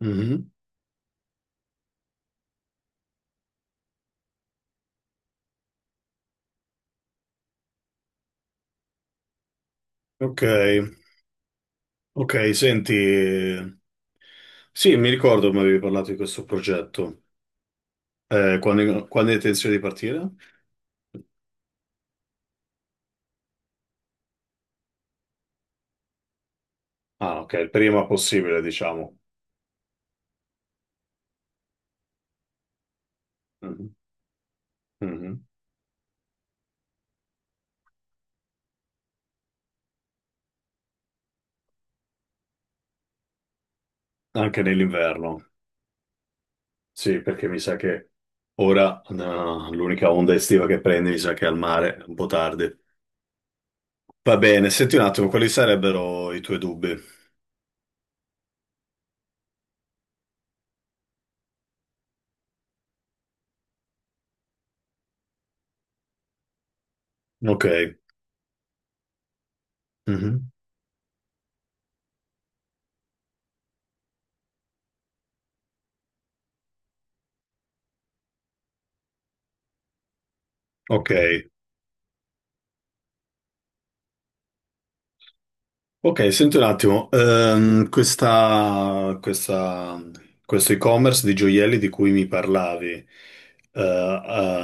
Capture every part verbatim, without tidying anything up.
Mhm. Ok, ok, senti, sì, mi ricordo mi avevi parlato di questo progetto. Eh, quando, quando hai intenzione di partire? Ah, ok, il prima possibile, diciamo. Mhm. Mhm. Anche nell'inverno, sì, perché mi sa che ora no, l'unica onda estiva che prendi mi sa che è al mare, un po' tardi. Va bene, senti un attimo, quali sarebbero i tuoi dubbi? Ok. Mhm. Ok. Ok, senti un attimo, ehm, questa- questa- questo e-commerce di gioielli di cui mi parlavi, eh,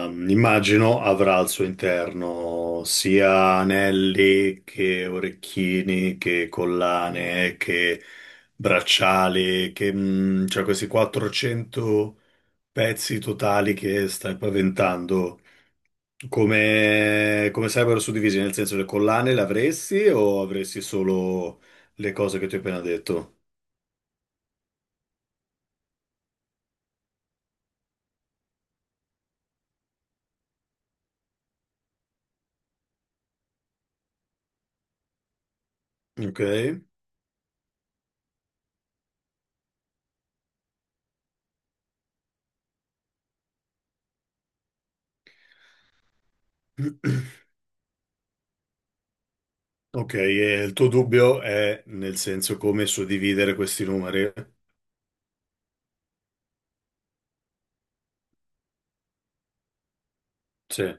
ehm, immagino avrà al suo interno sia anelli che orecchini, che collane, che bracciali, che, mm, cioè questi quattrocento pezzi totali che stai paventando. Come, come sarebbero suddivisi? Nel senso, le collane le avresti o avresti solo le cose che ti ho appena detto? Ok. Ok, e il tuo dubbio è nel senso come suddividere questi numeri? Sì.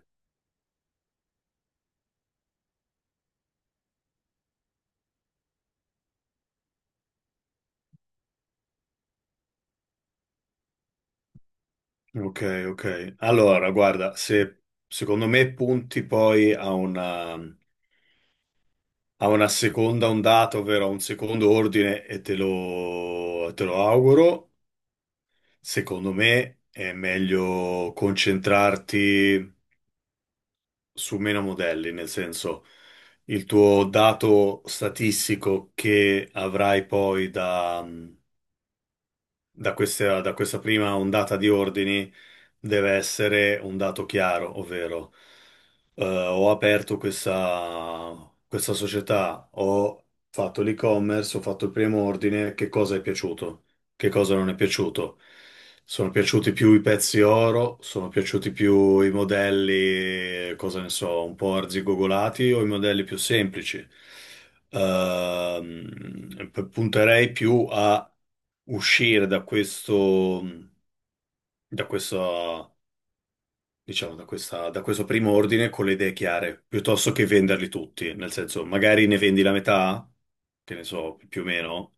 Ok, ok. Allora, guarda, se secondo me punti poi a una, a una seconda ondata, ovvero a un secondo ordine, e te lo, te lo auguro, secondo me è meglio concentrarti su meno modelli, nel senso il tuo dato statistico che avrai poi da, da questa, da questa prima ondata di ordini deve essere un dato chiaro, ovvero eh, ho aperto questa, questa società, ho fatto l'e-commerce, ho fatto il primo ordine, che cosa è piaciuto, che cosa non è piaciuto. Sono piaciuti più i pezzi oro, sono piaciuti più i modelli, cosa ne so, un po' arzigogolati o i modelli più semplici. Ehm, p- punterei più a uscire da questo, da questo diciamo, da questa- da questo primo ordine con le idee chiare, piuttosto che venderli tutti, nel senso, magari ne vendi la metà, che ne so, più o meno,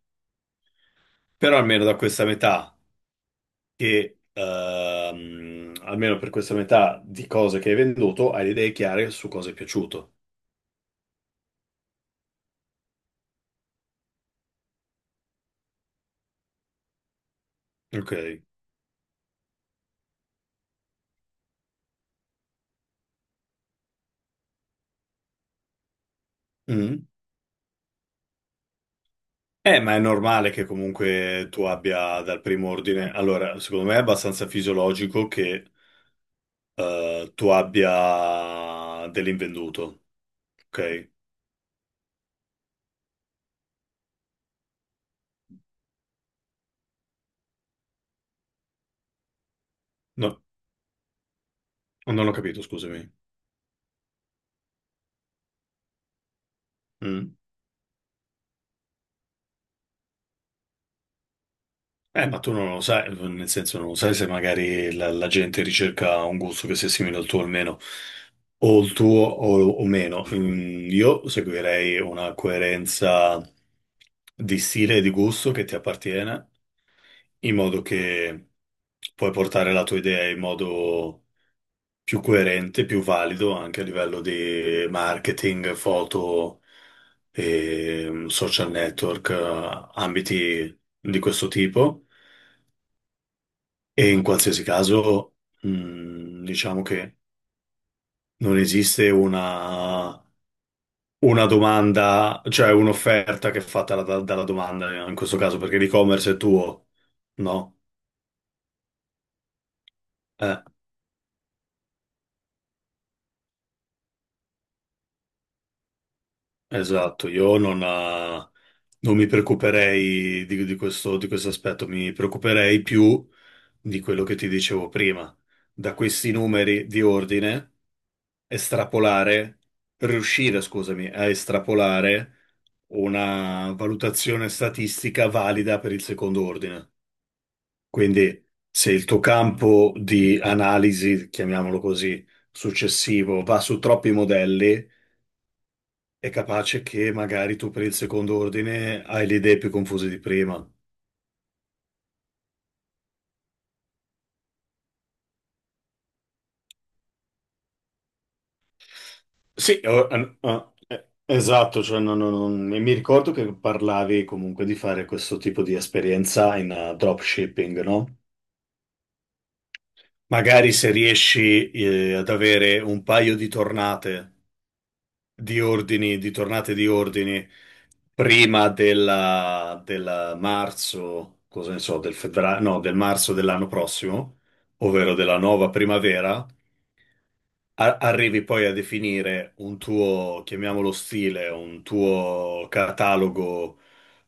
però almeno da questa metà, che ehm, almeno per questa metà di cose che hai venduto, hai le idee chiare su cosa è piaciuto. Ok. Mm. Eh, ma è normale che comunque tu abbia dal primo ordine. Allora, secondo me è abbastanza fisiologico che eh, tu abbia dell'invenduto, ok? No, non ho capito, scusami. Mm. Eh, ma tu non lo sai, nel senso non lo sai se magari la, la gente ricerca un gusto che sia simile al tuo o meno, o il tuo o, o meno. Mm, io seguirei una coerenza di stile e di gusto che ti appartiene, in modo che puoi portare la tua idea in modo più coerente, più valido anche a livello di marketing, foto, e, mm, social network, eh, ambiti di questo tipo. E in qualsiasi caso, mh, diciamo che non esiste una, una domanda, cioè un'offerta che è fatta da- dalla domanda, in questo caso, perché l'e-commerce è tuo, no? Eh, esatto, io non, eh, non mi preoccuperei di, di questo, di questo aspetto, mi preoccuperei più di quello che ti dicevo prima. Da questi numeri di ordine estrapolare, per riuscire, scusami, a estrapolare una valutazione statistica valida per il secondo ordine. Quindi, se il tuo campo di analisi, chiamiamolo così, successivo va su troppi modelli, è capace che magari tu per il secondo ordine hai le idee più confuse di prima. Sì, o- an- ah, eh, esatto, cioè non- non- non- mi mi ricordo che parlavi comunque di fare questo tipo di esperienza in eh, dropshipping, no? Magari se riesci eh, ad avere un paio di tornate di ordini, di tornate di ordini prima della, della marzo, cosa ne so, del febbraio, no, del marzo dell'anno prossimo, ovvero della nuova primavera, a- arrivi poi a definire un tuo, chiamiamolo stile, un tuo catalogo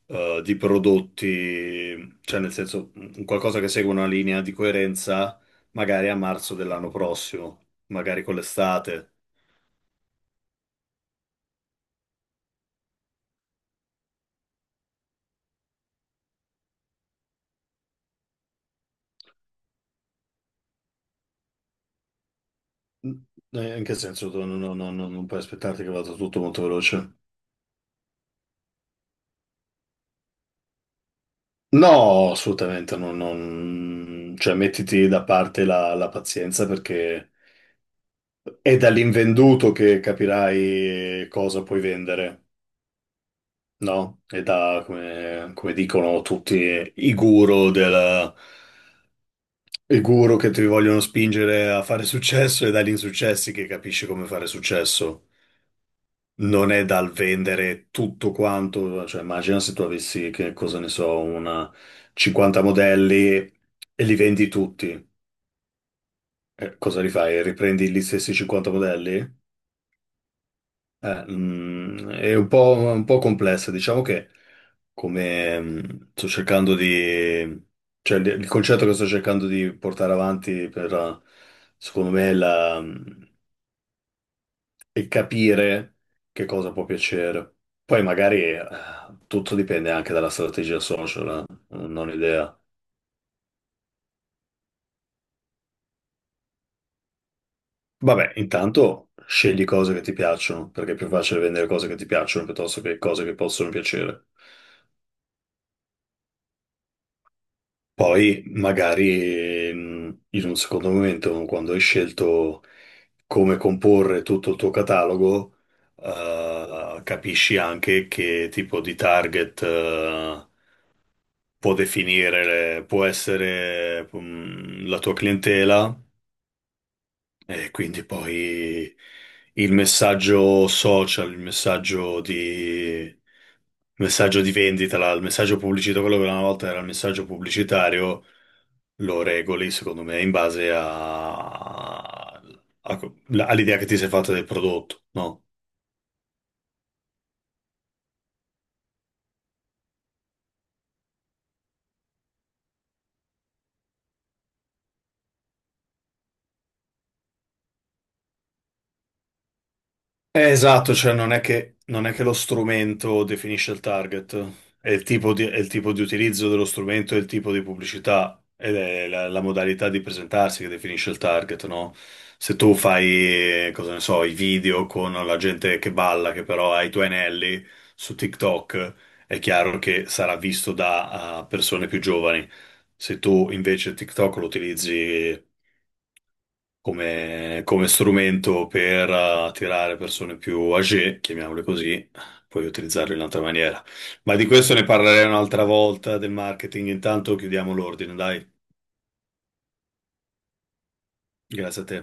eh, di prodotti, cioè nel senso un qualcosa che segue una linea di coerenza, magari a marzo dell'anno prossimo, magari con l'estate. Eh, In che senso? Tu Non, non- non- non puoi aspettarti che vada tutto molto veloce? No, assolutamente, non, non- cioè mettiti da parte la, la pazienza, perché è dall'invenduto che capirai cosa puoi vendere, no? È da, come, come dicono tutti, i guru, del, i guru che ti vogliono spingere a fare successo, è dagli insuccessi che capisci come fare successo. Non è dal vendere tutto quanto, cioè immagina se tu avessi, che cosa ne so, una cinquanta modelli e li vendi tutti. Eh, cosa li fai? Riprendi gli stessi cinquanta modelli? Eh, mm, è un po', un po' complessa, diciamo che come mm, sto cercando di, cioè il il concetto che sto cercando di portare avanti per, eh, secondo me, la, mm, è capire che cosa può piacere. Poi magari eh, tutto dipende anche dalla strategia social, eh, non ho idea. Vabbè, intanto scegli cose che ti piacciono, perché è più facile vendere cose che ti piacciono piuttosto che cose che possono piacere. Poi magari mh, in un secondo momento, quando hai scelto come comporre tutto il tuo catalogo, eh, capisci anche che tipo di target eh, può definire, può essere mh, la tua clientela, e quindi poi il messaggio social, il messaggio di, il messaggio di vendita, la- il messaggio pubblicitario, quello che una volta era il messaggio pubblicitario, lo regoli, secondo me, in base a- a- all'idea che ti sei fatta del prodotto, no? Eh, esatto, cioè non è che, non è che lo strumento definisce il target, è il tipo di, è il tipo di utilizzo dello strumento, è il tipo di pubblicità, ed è la, la modalità di presentarsi che definisce il target, no? Se tu fai, eh, cosa ne so, i video con la gente che balla, che però ha i tuoi anelli su TikTok, è chiaro che sarà visto da ah, persone più giovani. Se tu invece TikTok lo utilizzi come, come strumento per eh, attirare persone più âgée, chiamiamole così, puoi utilizzarlo in un'altra maniera. Ma di questo ne parlerei un'altra volta del marketing. Intanto chiudiamo l'ordine, dai. Grazie a te.